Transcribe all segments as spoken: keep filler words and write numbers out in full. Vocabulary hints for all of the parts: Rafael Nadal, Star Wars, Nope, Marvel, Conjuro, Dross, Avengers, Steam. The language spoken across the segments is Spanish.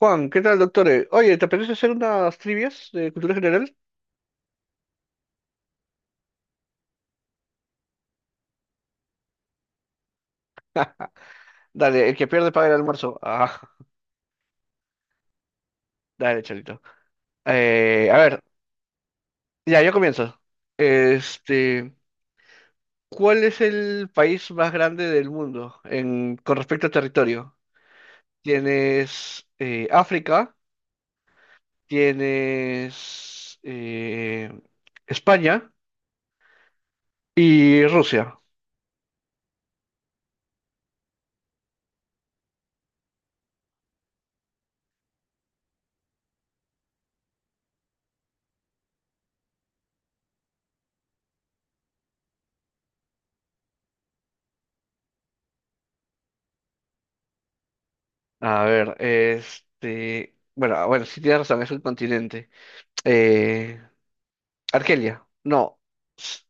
Juan, ¿qué tal, doctor? Eh, Oye, ¿te apetece hacer unas trivias de cultura general? Dale, el que pierde paga el almuerzo. Ah, dale, cholito. Eh, a ver, ya, yo comienzo. Este, ¿cuál es el país más grande del mundo en, con respecto a territorio? Tienes eh, África, tienes eh, España y Rusia. A ver, este, bueno, ah, bueno, sí tienes razón, es un continente. Eh, Argelia. No. S-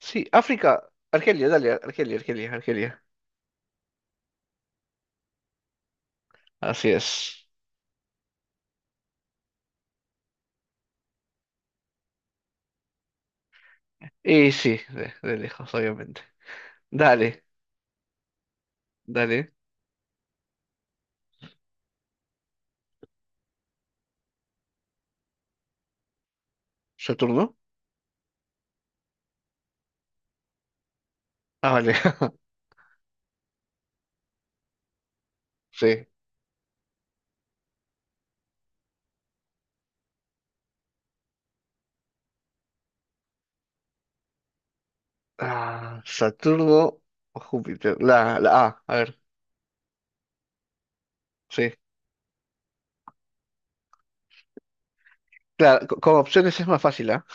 Sí, África. Argelia, dale, Argelia, Argelia, Argelia. Así es. Y sí, de, de lejos, obviamente. Dale, dale. ¿Saturno? Ah, vale. Sí. Ah, Saturno o Júpiter. La, la A, a ver. Sí. Claro, co- con opciones es más fácil, ¿ah?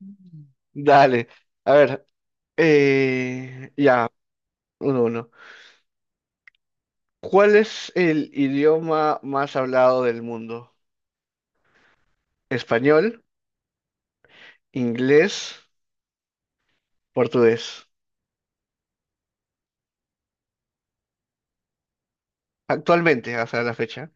Mm. Dale. A ver. eh, ya, uno, uno. ¿Cuál es el idioma más hablado del mundo? ¿Español? ¿Inglés? Portugués. Actualmente, hasta la fecha.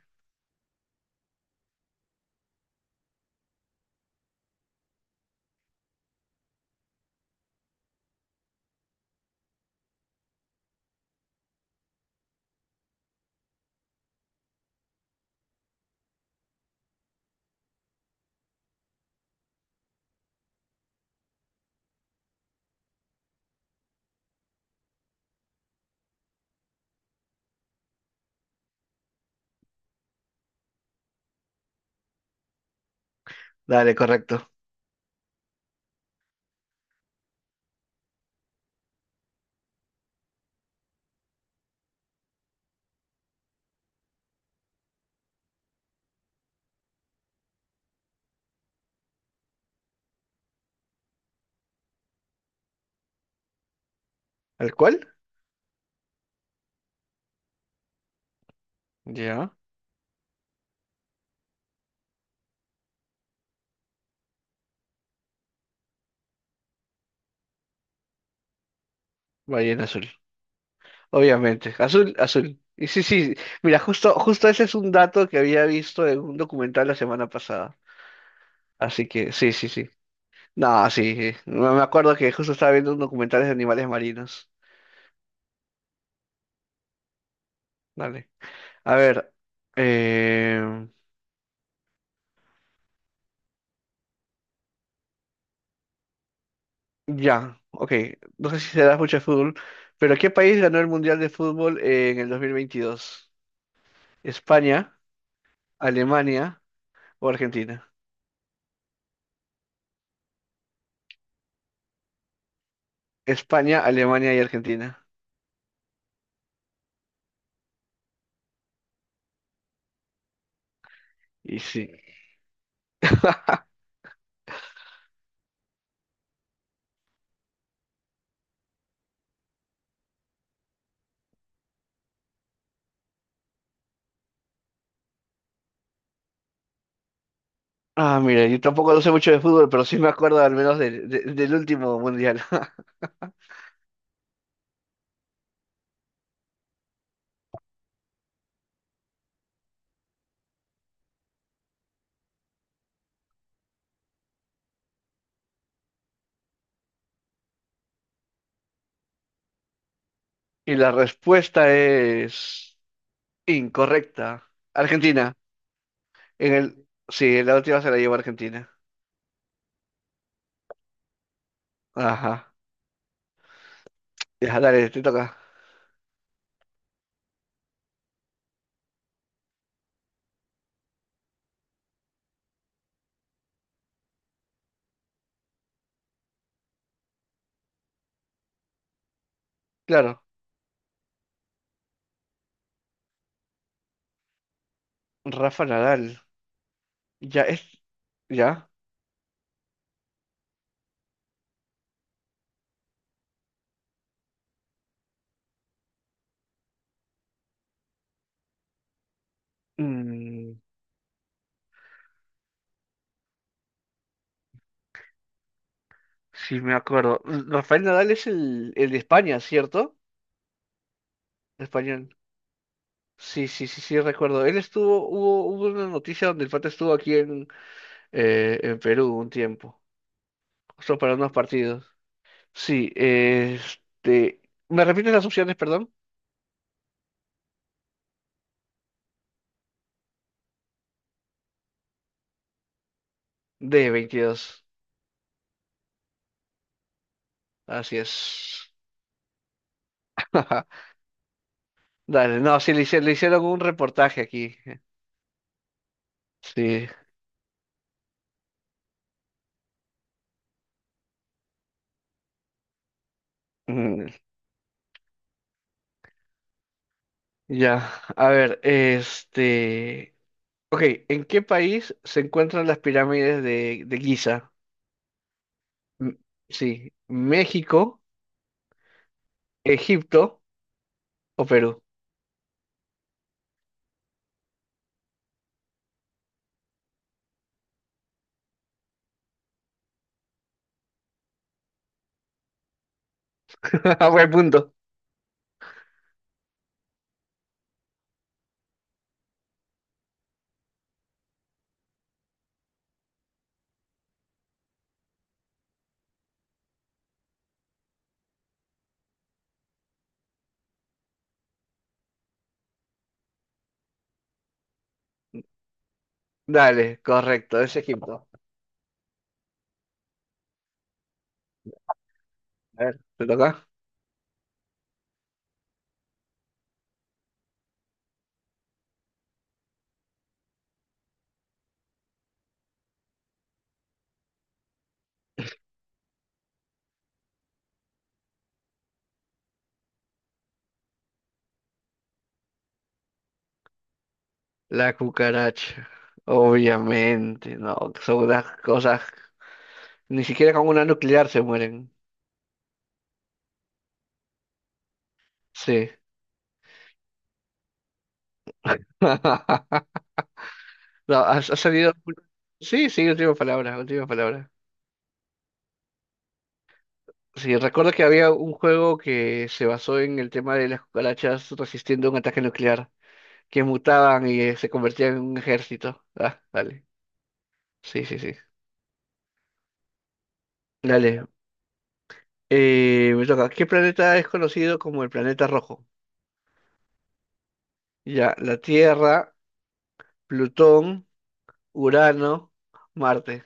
Dale, correcto. ¿Al cual? Ya. Ballena azul. Obviamente. Azul, azul. Y sí, sí. Mira, justo, justo ese es un dato que había visto en un documental la semana pasada. Así que, sí, sí, sí. No, sí, sí. Me me acuerdo que justo estaba viendo un documental de animales marinos. Dale. A ver. eh, Ya. Ok. No sé si será mucho de fútbol. Pero ¿qué país ganó el Mundial de Fútbol en el dos mil veintidós? España, Alemania o Argentina. España, Alemania y Argentina. Y sí. Ah, mira, yo tampoco no sé mucho de fútbol, pero sí me acuerdo al menos del, de- del último mundial. Y la respuesta es incorrecta. Argentina. En el... Sí, la última se la llevó Argentina. Ajá. Ya, dale, te toca. Claro, Rafa Nadal. Ya es... Ya. Mm, sí, me acuerdo. Rafael Nadal es el, el de España, ¿cierto? Español. Sí, sí, sí, sí, recuerdo. Él estuvo, hubo, hubo una noticia donde el pata estuvo aquí en, eh, en Perú un tiempo, justo para unos partidos. Sí, este, ¿me repites las opciones, perdón? De veintidós así es. Dale, no, sí, le hicieron, le hicieron un reportaje aquí. Sí, mm, ya, a ver, este, ok, ¿en qué país se encuentran las pirámides de, de Giza? M- Sí, México, Egipto o Perú. Buen punto. Dale, correcto, es Egipto. A ver, ¿te toca? La cucaracha. Obviamente, no, son unas cosas. Ni siquiera con una nuclear se mueren. Sí. No, ha, ha salido. Sí, sí, última palabra, última palabra. Sí, recuerdo que había un juego que se basó en el tema de las cucarachas resistiendo un ataque nuclear, que mutaban y eh, se convertían en un ejército. Ah, dale. Sí, sí, sí. Dale, eh, me toca. ¿Qué planeta es conocido como el planeta rojo? Ya, la Tierra, Plutón, Urano, Marte.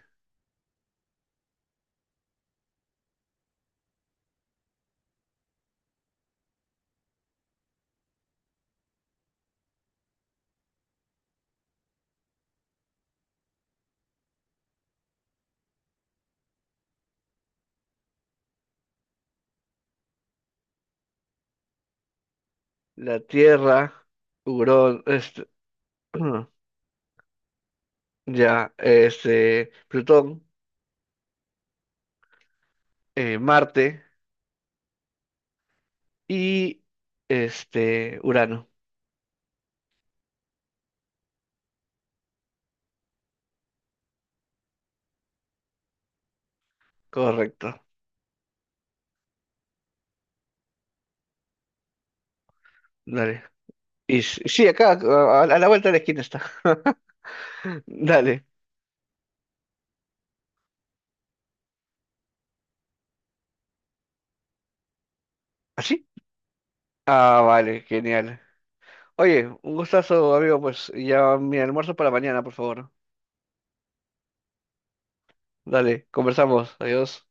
La Tierra, Urón, este, ya, este, Plutón, eh, Marte y este, Urano. Correcto. Dale. Y s- sí, acá, a, a la vuelta de la esquina está. Dale. ¿Así? Ah, vale, genial. Oye, un gustazo, amigo, pues ya mi almuerzo para mañana, por favor. Dale, conversamos. Adiós.